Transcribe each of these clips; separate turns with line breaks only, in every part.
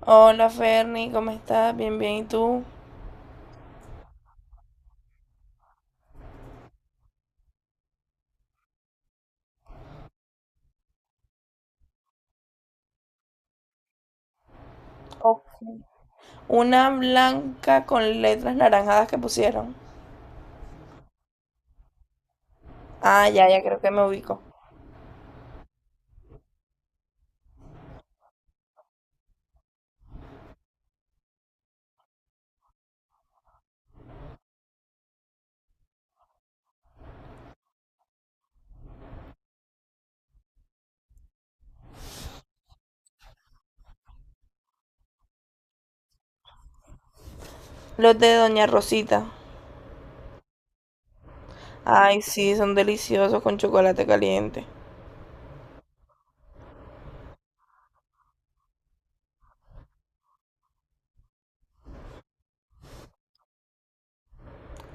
Hola Ferny, ¿cómo estás? Bien, bien, ¿y tú? Ok. Una blanca con letras naranjadas que pusieron. Ah, ya, ya creo que me ubico. Los de Doña Rosita. Ay, sí, son deliciosos con chocolate caliente.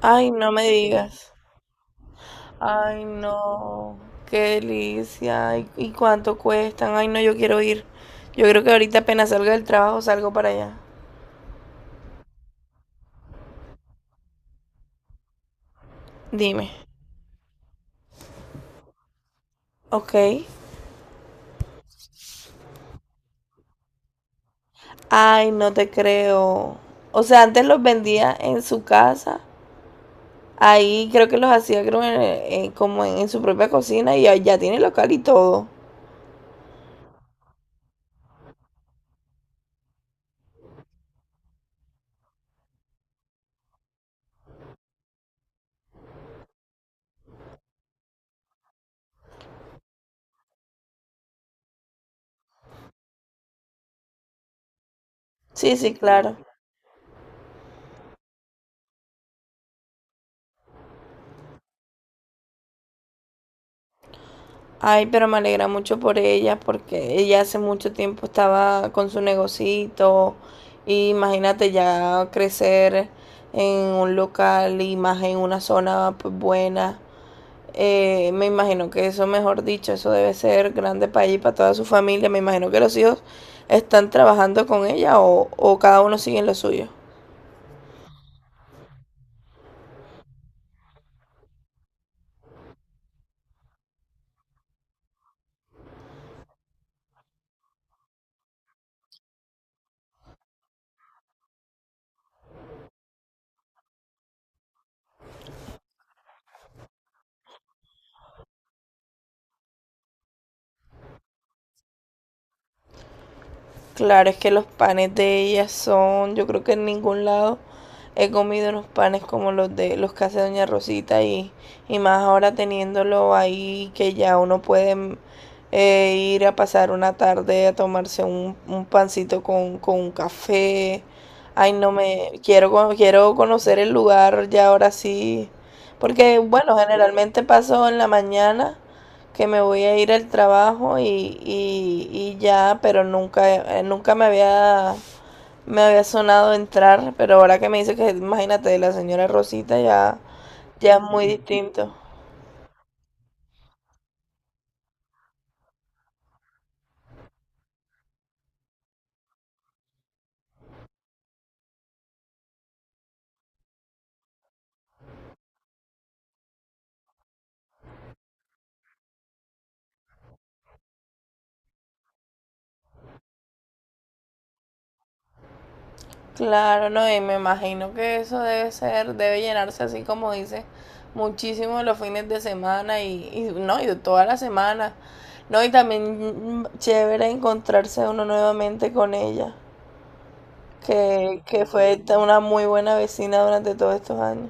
Ay, no me digas. Ay, no. Qué delicia. Ay, ¿y cuánto cuestan? Ay, no, yo quiero ir. Yo creo que ahorita apenas salga del trabajo salgo para allá. Dime. Ok. Ay, no te creo. O sea, antes los vendía en su casa. Ahí creo que los hacía creo, como en su propia cocina y ya, ya tiene local y todo. Sí, sí, claro. Ay, pero me alegra mucho por ella porque ella hace mucho tiempo estaba con su negocito y imagínate ya crecer en un local y más en una zona pues, buena. Me imagino que eso, mejor dicho, eso debe ser grande para ella y para toda su familia. Me imagino que los hijos están trabajando con ella o cada uno sigue en lo suyo. Claro, es que los panes de ella son, yo creo que en ningún lado he comido unos panes como los de los que hace Doña Rosita y más ahora teniéndolo ahí que ya uno puede ir a pasar una tarde a tomarse un pancito con un café. Ay, no me quiero quiero conocer el lugar ya ahora sí, porque bueno, generalmente paso en la mañana que me voy a ir al trabajo y ya, pero nunca, nunca me había, me había sonado entrar, pero ahora que me dice que, imagínate, la señora Rosita ya, ya es muy distinto. Claro, no, y me imagino que eso debe ser, debe llenarse así como dice, muchísimo los fines de semana y no, y toda la semana. No, y también chévere encontrarse uno nuevamente con ella, que fue una muy buena vecina durante todos estos años.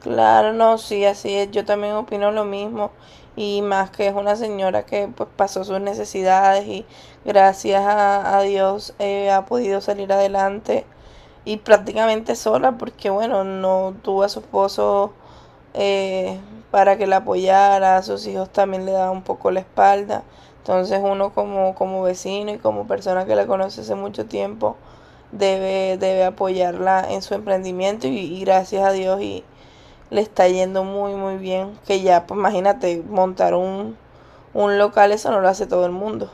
Claro, no, sí, así es. Yo también opino lo mismo. Y más que es una señora que pues pasó sus necesidades y gracias a Dios ha podido salir adelante y prácticamente sola porque bueno, no tuvo a su esposo eh, para que la apoyara, a sus hijos también le daba un poco la espalda. Entonces uno como, como vecino y como persona que la conoce hace mucho tiempo debe, debe apoyarla en su emprendimiento y gracias a Dios y le está yendo muy, muy bien. Que ya, pues imagínate, montar un local, eso no lo hace todo el mundo.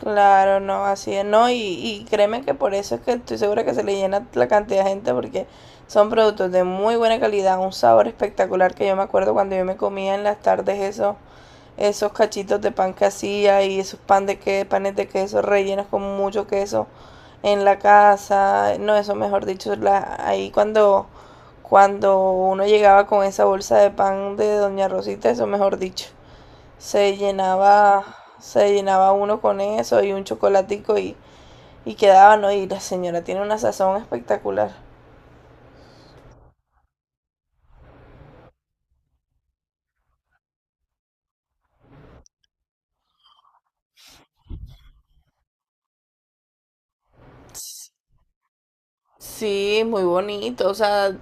Claro, no, así es, no, y créeme que por eso es que estoy segura que se le llena la cantidad de gente porque son productos de muy buena calidad, un sabor espectacular que yo me acuerdo cuando yo me comía en las tardes eso, esos cachitos de pan que hacía y esos panes de queso rellenos con mucho queso en la casa. No, eso mejor dicho, la, ahí cuando, cuando uno llegaba con esa bolsa de pan de Doña Rosita, eso mejor dicho, se llenaba, se llenaba uno con eso y un chocolatico y quedaba, ¿no? Y la señora tiene una sazón espectacular. Sí, muy bonito. O sea,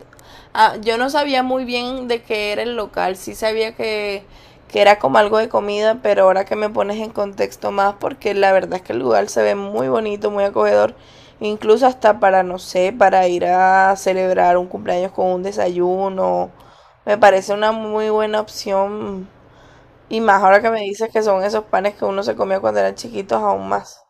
ah, yo no sabía muy bien de qué era el local. Sí sabía que era como algo de comida, pero ahora que me pones en contexto más, porque la verdad es que el lugar se ve muy bonito, muy acogedor. Incluso hasta para, no sé, para ir a celebrar un cumpleaños con un desayuno. Me parece una muy buena opción. Y más ahora que me dices que son esos panes que uno se comía cuando eran chiquitos, aún más.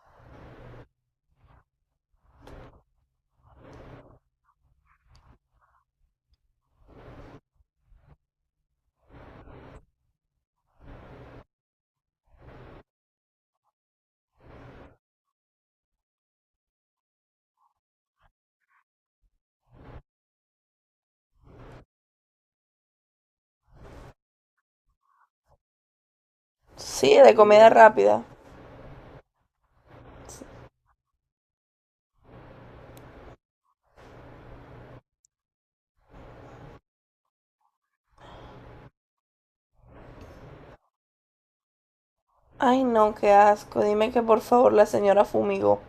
Sí, de comida rápida. Ay, no, qué asco. Dime que por favor la señora fumigó.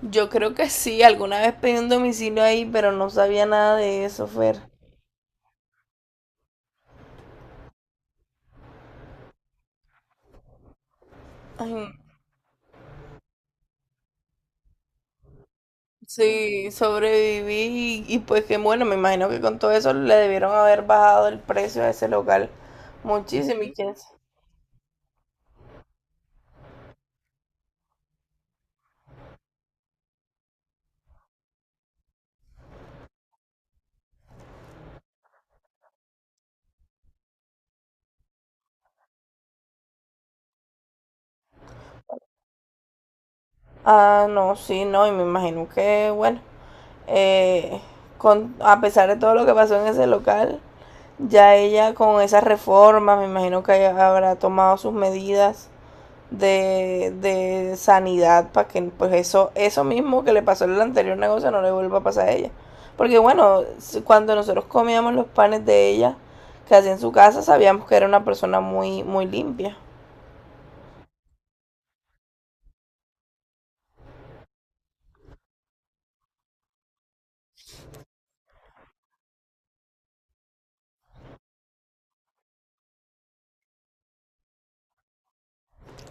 Yo creo que sí, alguna vez pedí un domicilio ahí, pero no sabía nada de eso, Fer. Ay, sí, sobreviví y pues que bueno, me imagino que con todo eso le debieron haber bajado el precio a ese local muchísimo y Ah, no, sí, no, y me imagino que bueno, eh, con, a pesar de todo lo que pasó en ese local, ya ella con esas reformas, me imagino que habrá tomado sus medidas de sanidad para que pues eso mismo que le pasó en el anterior negocio no le vuelva a pasar a ella. Porque bueno, cuando nosotros comíamos los panes de ella, que hacía en su casa, sabíamos que era una persona muy, muy limpia.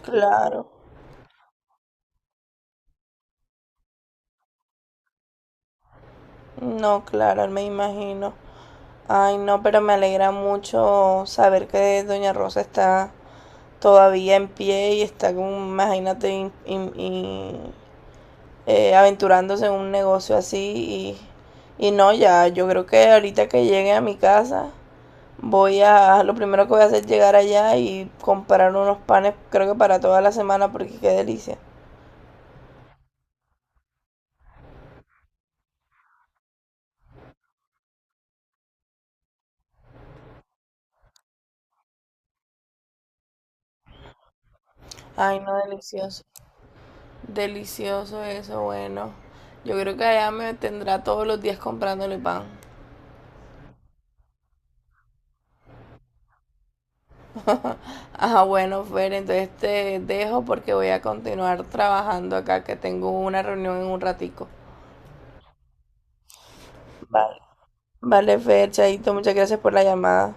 Claro. No, claro, me imagino. Ay, no, pero me alegra mucho saber que Doña Rosa está todavía en pie y está como, imagínate, aventurándose en un negocio así y no, ya yo creo que ahorita que llegue a mi casa voy a, lo primero que voy a hacer es llegar allá y comprar unos panes creo que para toda la semana porque qué delicia. Ay, no, delicioso. Delicioso eso, bueno. Yo creo que allá me tendrá todos los días comprándole pan. Ajá, bueno, Fer, entonces te dejo porque voy a continuar trabajando acá, que tengo una reunión en un ratico. Vale. Vale, Fer, Chaito, muchas gracias por la llamada.